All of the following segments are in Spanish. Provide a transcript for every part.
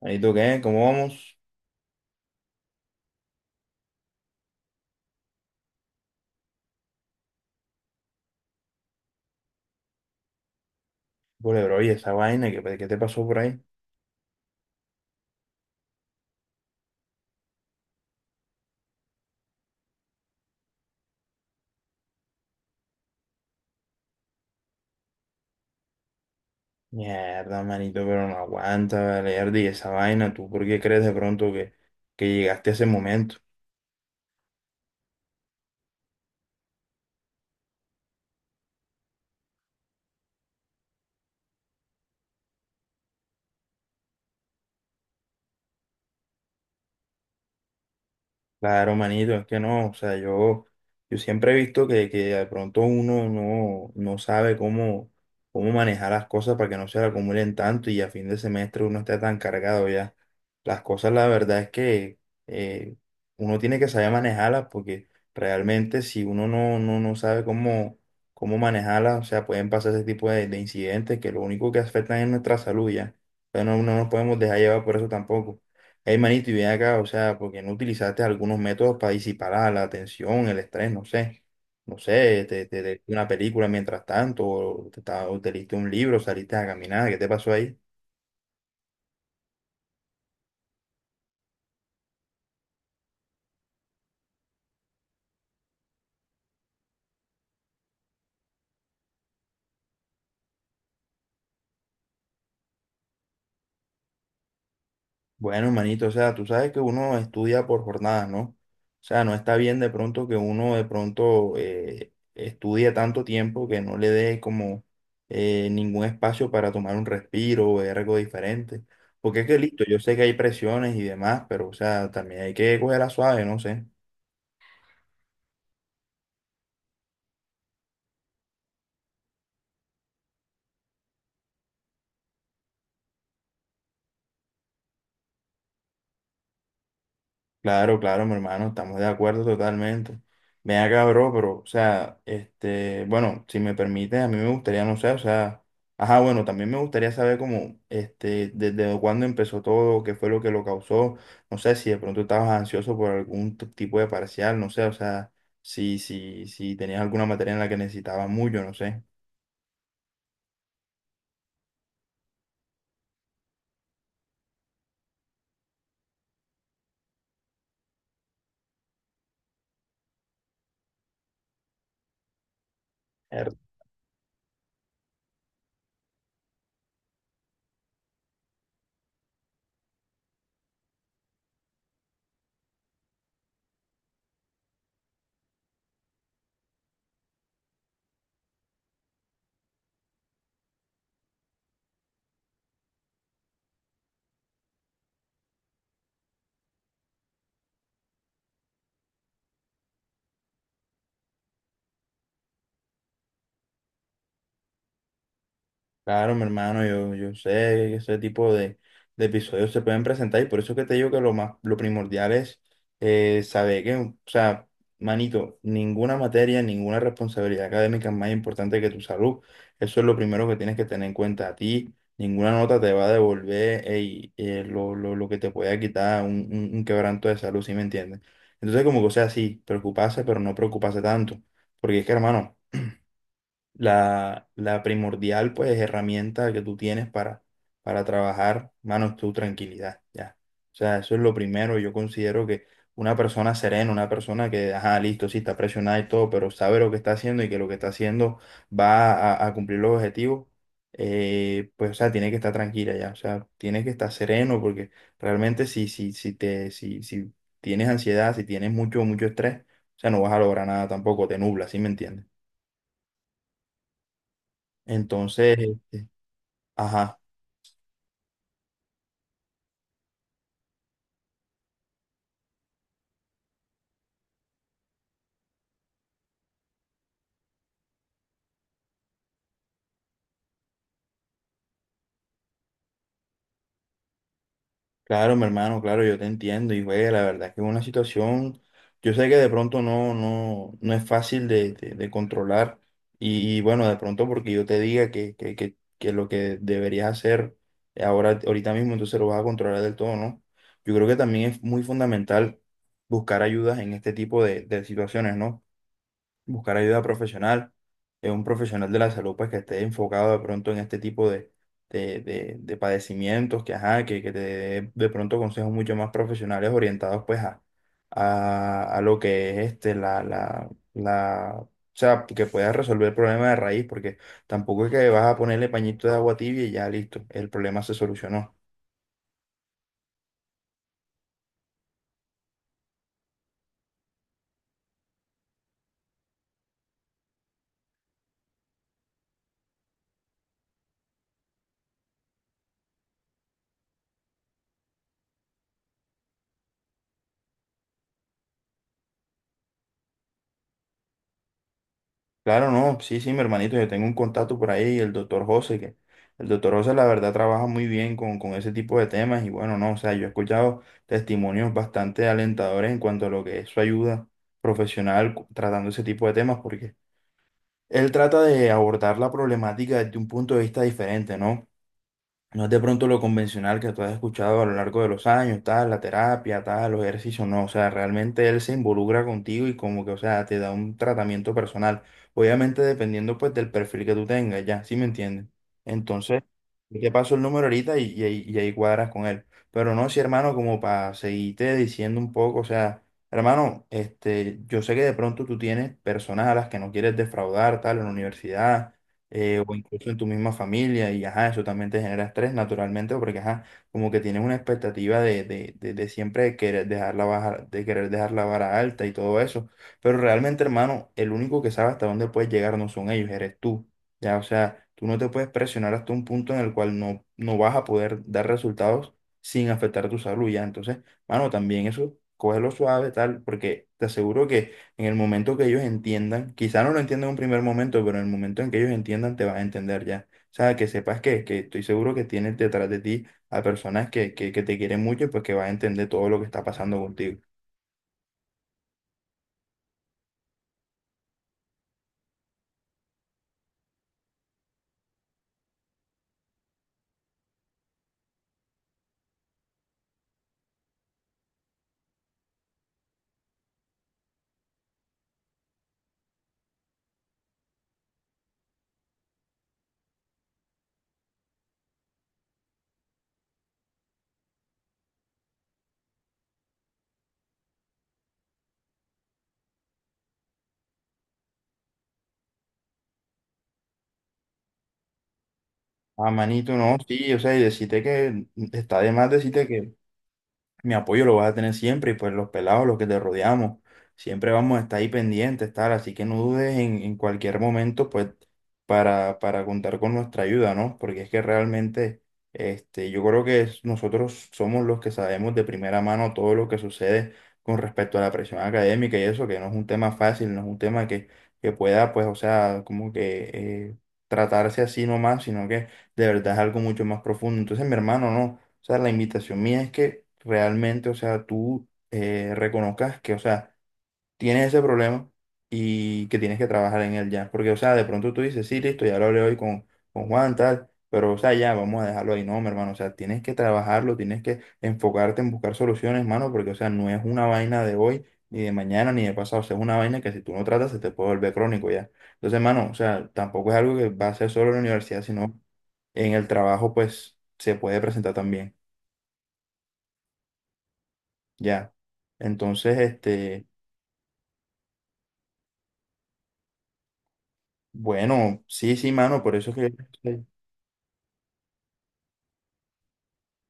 Ahí tú qué, ¿cómo vamos? Vale, bro, oye, esa vaina, ¿qué te pasó por ahí? Mierda, manito, pero no aguanta, vale, Erdi, esa vaina, ¿tú por qué crees de pronto que llegaste a ese momento? Claro, manito, es que no, o sea, yo siempre he visto que de pronto uno no, no sabe cómo, cómo manejar las cosas para que no se le acumulen tanto y a fin de semestre uno está tan cargado ya. Las cosas, la verdad es que eh, uno tiene que saber manejarlas porque realmente si uno no, no, no sabe cómo, cómo manejarlas, o sea, pueden pasar ese tipo de incidentes que lo único que afectan es nuestra salud ya. Pero no, no nos podemos dejar llevar por eso tampoco. Hey, manito, y ven acá, o sea, porque no utilizaste algunos métodos para disipar la, la tensión, el estrés, no sé, no sé, una película mientras tanto, o te, o te leíste un libro, saliste a caminar, ¿qué te pasó ahí? Bueno, manito, o sea, tú sabes que uno estudia por jornadas, ¿no? O sea, no está bien de pronto que uno de pronto estudie tanto tiempo que no le dé como ningún espacio para tomar un respiro o ver algo diferente. Porque es que listo, yo sé que hay presiones y demás, pero o sea, también hay que cogerla suave, no sé. Claro, claro, mi hermano, estamos de acuerdo totalmente. Ven acá, bro, pero, o sea, este, bueno, si me permites, a mí me gustaría, no sé, o sea, ajá, bueno, también me gustaría saber cómo, este, desde cuándo empezó todo, qué fue lo que lo causó, no sé, si de pronto estabas ansioso por algún tipo de parcial, no sé, o sea, si tenías alguna materia en la que necesitabas mucho, no sé. Claro, mi hermano, yo sé que ese tipo de episodios se pueden presentar y por eso es que te digo que lo más, lo primordial es saber que, o sea, manito, ninguna materia, ninguna responsabilidad académica es más importante que tu salud. Eso es lo primero que tienes que tener en cuenta a ti. Ninguna nota te va a devolver ey, lo que te pueda quitar un quebranto de salud, ¿sí me entiendes? Entonces, como que, o sea, sí, preocuparse, pero no preocuparse tanto. Porque es que, hermano, la primordial, pues, herramienta que tú tienes para trabajar, mano, es tu tranquilidad, ya. O sea, eso es lo primero. Yo considero que una persona serena, una persona que, ajá, listo, sí, está presionada y todo, pero sabe lo que está haciendo y que lo que está haciendo va a cumplir los objetivos, pues, o sea, tiene que estar tranquila ya. O sea, tiene que estar sereno porque realmente si, si, si te, si, si tienes ansiedad, si tienes mucho, mucho estrés, o sea, no vas a lograr nada tampoco, te nubla, ¿sí me entiendes? Entonces, este, ajá, claro, mi hermano, claro, yo te entiendo y güey, la verdad es que es una situación, yo sé que de pronto no, no, no es fácil de, de controlar y bueno, de pronto porque yo te diga que lo que deberías hacer ahora, ahorita mismo, entonces lo vas a controlar del todo, ¿no? Yo creo que también es muy fundamental buscar ayudas en este tipo de situaciones, ¿no? Buscar ayuda profesional, un profesional de la salud pues que esté enfocado de pronto en este tipo de, de padecimientos, que, ajá, que te dé de pronto consejos mucho más profesionales orientados pues a lo que es este, la, o sea, que puedas resolver el problema de raíz, porque tampoco es que vas a ponerle pañito de agua tibia y ya listo, el problema se solucionó. Claro, no, sí, sí, mi hermanito, yo tengo un contacto por ahí, el doctor José, que el doctor José la verdad trabaja muy bien con ese tipo de temas y bueno, no, o sea, yo he escuchado testimonios bastante alentadores en cuanto a lo que es su ayuda profesional tratando ese tipo de temas, porque él trata de abordar la problemática desde un punto de vista diferente, ¿no? No es de pronto lo convencional que tú has escuchado a lo largo de los años, tal, la terapia, tal, los ejercicios, no, o sea, realmente él se involucra contigo y como que, o sea, te da un tratamiento personal, obviamente dependiendo pues del perfil que tú tengas, ya, ¿sí me entiendes? Entonces, yo te paso el número ahorita y ahí cuadras con él. Pero no, sí, hermano, como para seguirte diciendo un poco, o sea, hermano, este, yo sé que de pronto tú tienes personas a las que no quieres defraudar, tal, en la universidad, o incluso en tu misma familia, y ajá, eso también te genera estrés naturalmente, porque ajá, como que tienes una expectativa de siempre querer dejar la baja, de querer dejar la vara alta y todo eso, pero realmente, hermano, el único que sabe hasta dónde puedes llegar no son ellos, eres tú, ya, o sea, tú no te puedes presionar hasta un punto en el cual no, no vas a poder dar resultados sin afectar tu salud, ya, entonces, mano, también eso, cógelo suave, tal, porque te aseguro que en el momento que ellos entiendan, quizá no lo entiendan en un primer momento, pero en el momento en que ellos entiendan te vas a entender ya. O sea, que sepas que estoy seguro que tienes detrás de ti a personas que te quieren mucho y pues que vas a entender todo lo que está pasando contigo. Ah, manito, no, sí, o sea, y decirte que está de más decirte que mi apoyo lo vas a tener siempre y pues los pelados, los que te rodeamos, siempre vamos a estar ahí pendientes, tal, así que no dudes en cualquier momento, pues, para contar con nuestra ayuda, ¿no? Porque es que realmente, este, yo creo que nosotros somos los que sabemos de primera mano todo lo que sucede con respecto a la presión académica y eso, que no es un tema fácil, no es un tema que pueda, pues, o sea, como que… tratarse así nomás, sino que de verdad es algo mucho más profundo. Entonces, mi hermano, no. O sea, la invitación mía es que realmente, o sea, tú reconozcas que, o sea, tienes ese problema y que tienes que trabajar en él ya. Porque, o sea, de pronto tú dices, sí, listo, ya lo hablé hoy con Juan, tal, pero, o sea, ya, vamos a dejarlo ahí. No, mi hermano, o sea, tienes que trabajarlo, tienes que enfocarte en buscar soluciones, hermano, porque, o sea, no es una vaina de hoy, ni de mañana, ni de pasado. O sea, es una vaina que si tú no tratas se te puede volver crónico ya. Entonces, hermano, o sea, tampoco es algo que va a ser solo en la universidad, sino en el trabajo, pues, se puede presentar también. Ya. Entonces, este, bueno, sí, sí, mano, por eso es que…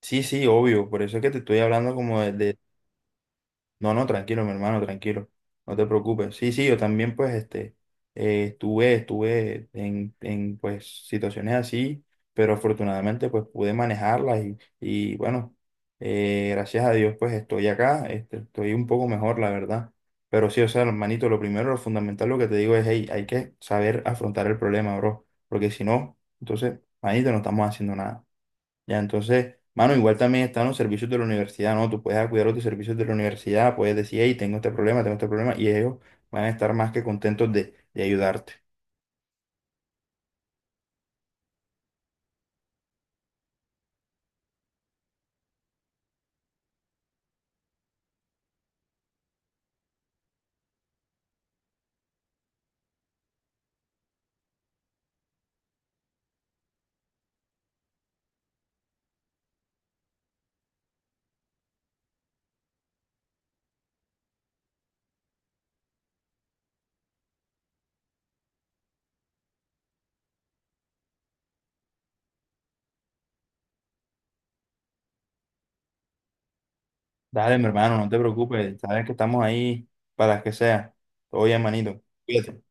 Sí, sí, obvio, por eso es que te estoy hablando como de, No, no, tranquilo, mi hermano, tranquilo. No te preocupes. Sí, sí, yo también, pues, este, estuve en, pues, situaciones así, pero afortunadamente, pues, pude manejarlas y bueno, gracias a Dios, pues, estoy acá, este, estoy un poco mejor, la verdad. Pero sí, o sea, hermanito, lo primero, lo fundamental, lo que te digo es, hey, hay que saber afrontar el problema, bro, porque si no, entonces, manito, no estamos haciendo nada. Ya, entonces, mano, igual también están los servicios de la universidad, ¿no? Tú puedes acudir a los servicios de la universidad, puedes decir, hey, tengo este problema, y ellos van a estar más que contentos de ayudarte. Dale, mi hermano, no te preocupes, sabes que estamos ahí para las que sea. Todo bien, manito. Cuídate.